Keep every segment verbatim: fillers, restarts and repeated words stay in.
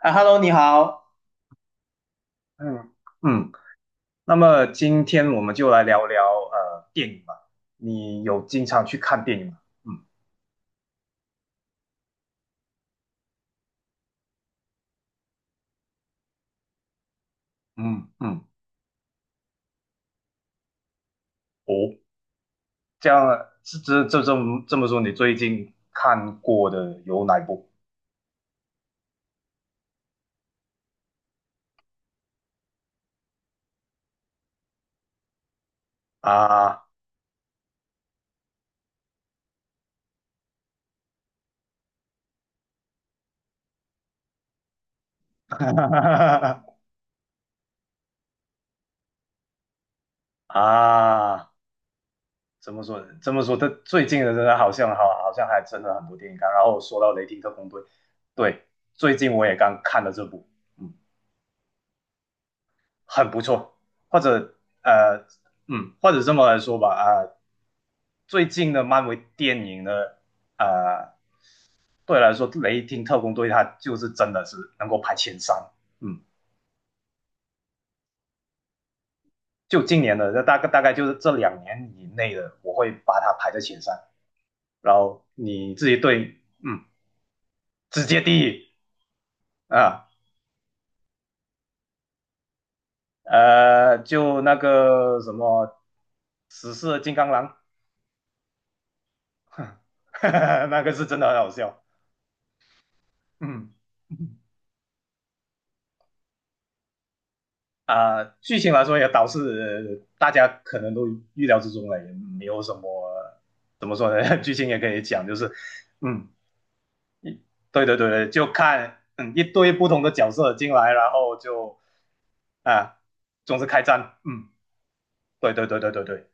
啊，Hello，你好。嗯嗯，那么今天我们就来聊聊呃电影吧。你有经常去看电影吗？嗯嗯嗯，哦，这样这这这这么这么说，你最近看过的有哪一部啊？啊，怎么说？这么说，他最近的真的好像好，好像还真的很多电影看。然后说到《雷霆特工队》，对，最近我也刚看了这部。嗯，很不错，或者呃，嗯，或者这么来说吧，啊、呃最近的漫威电影呢，啊，对我来说，《雷霆特工队》它就是真的是能够排前三，嗯，就今年的，那大概大概就是这两年以内的，我会把它排在前三。然后你自己对，嗯，直接第一啊，呃，就那个什么，死侍金刚狼，那个是真的很好笑，嗯。啊、呃剧情来说也导致大家可能都预料之中了，也没有什么怎么说呢？剧情也可以讲，就是嗯，对对对对，就看嗯一堆不同的角色进来，然后就啊，总是开战，嗯，对对对对对对。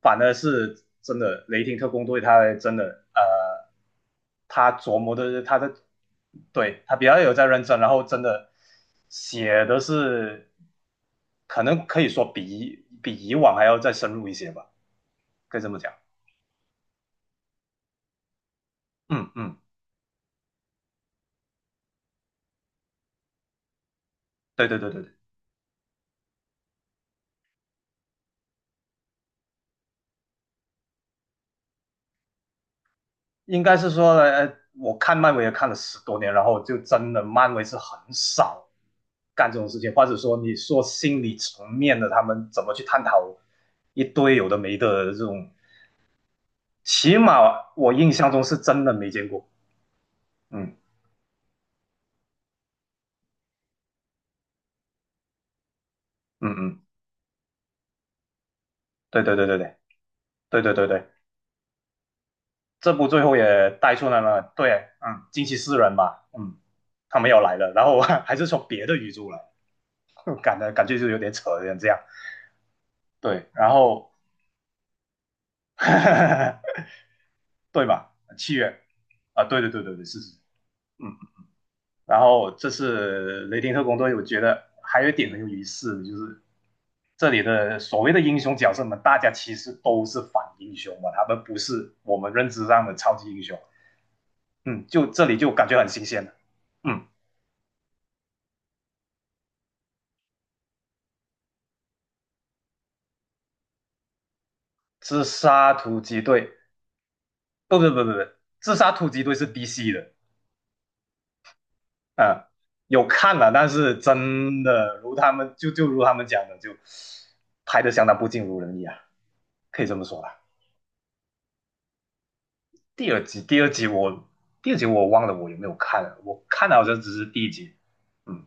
反而是真的雷霆特工队，他真的呃，他琢磨的他的，对他比较有在认真，然后真的写的是，可能可以说比比以往还要再深入一些吧，可以这么讲。嗯嗯，对对对对对，应该是说，呃，我看漫威也看了十多年，然后就真的漫威是很少干这种事情，或者说你说心理层面的，他们怎么去探讨一堆有的没的这种，起码我印象中是真的没见过。嗯嗯嗯，对对对对对对对对对，这部最后也带出来了，对，嗯，惊奇四人吧，嗯，他们要来了，然后还是从别的宇宙来，感的感觉就有点扯，有点这样。对，然后 对吧？七月啊，对对对对对，是是，嗯。然后这次雷霆特工队，我觉得还有一点很有意思的，就是这里的所谓的英雄角色们，大家其实都是反英雄嘛，他们不是我们认知上的超级英雄。嗯，就这里就感觉很新鲜的，嗯，自杀突击队，不不不不不，自杀突击队是 D C 的，啊、嗯有看了，但是真的如他们就就如他们讲的，就拍的相当不尽如人意啊，可以这么说吧。第二集，第二集我第二集我忘了我有没有看了，我看了好像只是第一集。嗯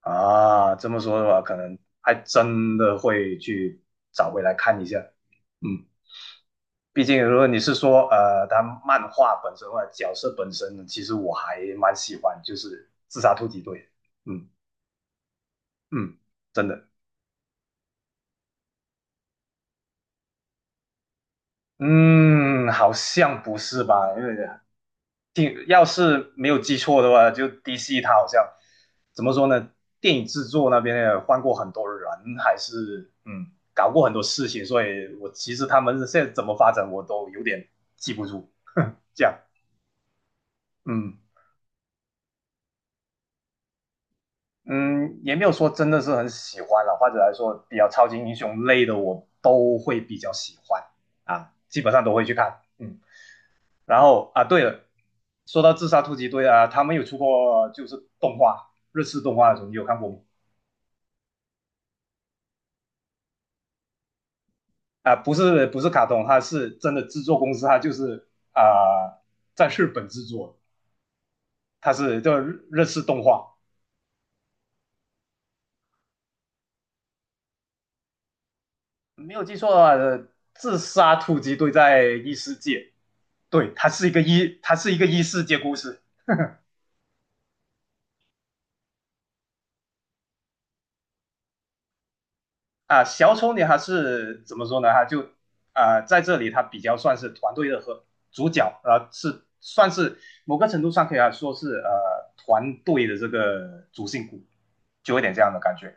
啊，这么说的话，可能还真的会去找回来看一下。嗯，毕竟如果你是说呃，他漫画本身或者角色本身，呢，其实我还蛮喜欢，就是自杀突击队。嗯嗯，真的。嗯，好像不是吧？因为听，要是没有记错的话，就 D C 他好像怎么说呢？电影制作那边也换过很多人，还是嗯搞过很多事情，所以我其实他们现在怎么发展我都有点记不住。这样，嗯嗯，也没有说真的是很喜欢了，或者来说比较超级英雄类的我都会比较喜欢啊，基本上都会去看。嗯，然后啊，对了，说到自杀突击队啊，他们有出过就是动画，日式动画的时候，你有看过吗？啊、呃不是不是卡通，它是真的制作公司，它就是啊、呃在日本制作，它是叫日日式动画。没有记错的话，呃自杀突击队在异世界，对，它是一个异，它是一个异世界故事啊。呃小丑女还是怎么说呢？她就啊、呃在这里她比较算是团队的和主角，啊，呃是算是某个程度上可以来说是呃团队的这个主心骨，就有点这样的感觉。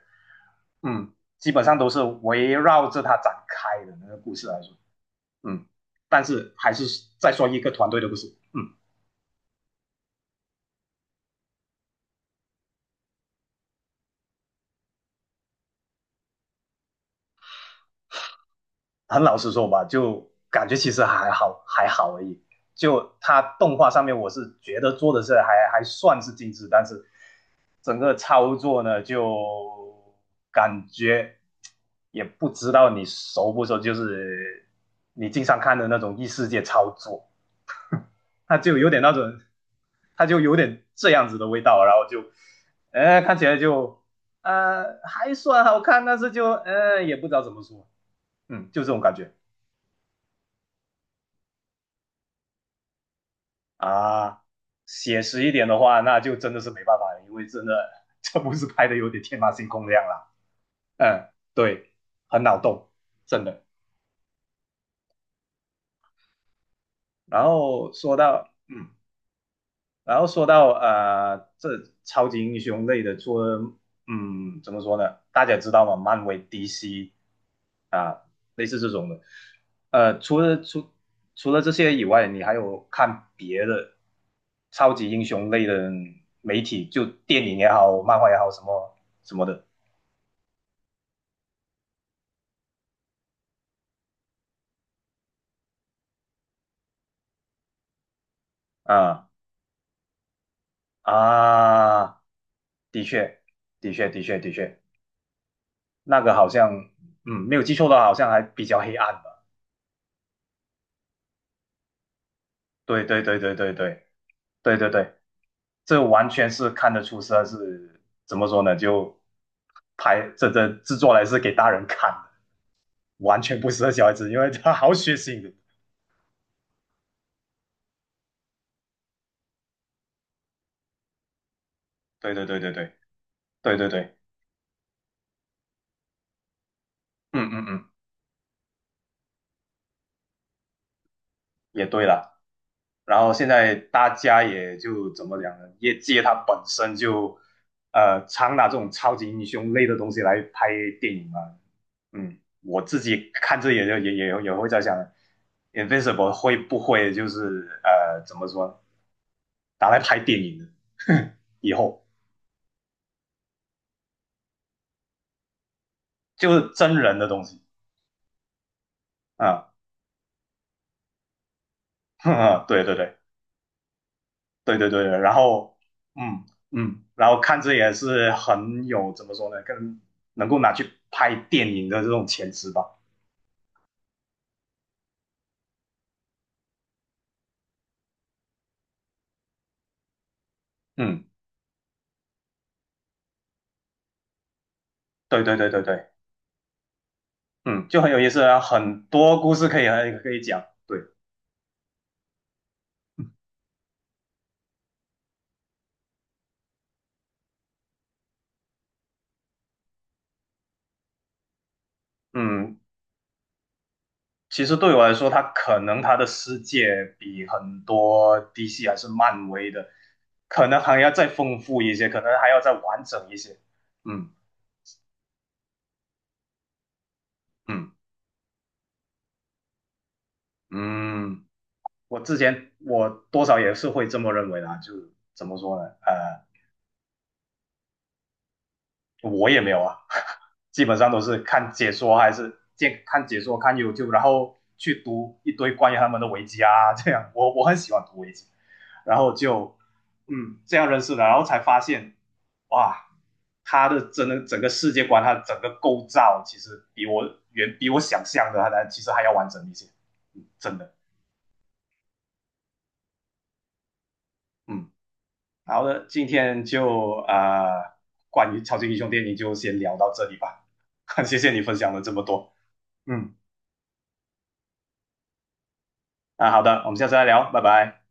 嗯，基本上都是围绕着它展开的那个故事来说，嗯，但是还是再说一个团队的故事，嗯，很老实说吧，就感觉其实还好，还好而已。就它动画上面，我是觉得做的是还还算是精致，但是整个操作呢，就感觉也不知道你熟不熟，就是你经常看的那种异世界操作，它就有点那种，它就有点这样子的味道，然后就，呃，看起来就，呃，还算好看，但是就，呃，也不知道怎么说，嗯，就这种感觉啊。写实一点的话，那就真的是没办法了，因为真的这不是拍的有点天马行空这样啦。嗯，对，很脑洞，真的。然后说到，嗯，然后说到呃，这超级英雄类的，除了嗯，怎么说呢？大家知道吗？漫威、D C 啊，类似这种的。呃，除了除除了这些以外，你还有看别的超级英雄类的媒体，就电影也好，漫画也好，什么什么的，啊啊，的确，的确，的确，的确，那个好像嗯，没有记错的话，好像还比较黑暗吧。对对对对对对。对对对，这完全是看得出是是怎么说呢？就拍这这制作来是给大人看的，完全不适合小孩子，因为他好血腥的。对对对对对对对对，嗯嗯嗯，也对了。然后现在大家也就怎么讲呢？业界它本身就呃常拿这种超级英雄类的东西来拍电影嘛。嗯，我自己看这也就也也也会在想，Invincible 会不会就是呃怎么说拿来拍电影的，以后就是真人的东西，啊、嗯对对对对对对，然后嗯嗯，然后看这也是很有怎么说呢，更能够拿去拍电影的这种潜质吧，嗯，对对对对对，嗯，就很有意思啊，很多故事可以可以讲，对，嗯，其实对我来说，他可能他的世界比很多 D C 还是漫威的，可能还要再丰富一些，可能还要再完整一些，嗯嗯。嗯，我之前我多少也是会这么认为啦，就怎么说呢？呃，我也没有啊，基本上都是看解说还是见看解说看 YouTube，然后去读一堆关于他们的维基啊，这样我我很喜欢读维基，然后就嗯这样认识的，然后才发现哇，他的真的整个世界观，他的整个构造其实比我远比我想象的，他其实还要完整一些，嗯真的，嗯。好的，今天就呃，关于超级英雄电影就先聊到这里吧。谢谢你分享了这么多，嗯，啊，好的，我们下次再聊，拜拜。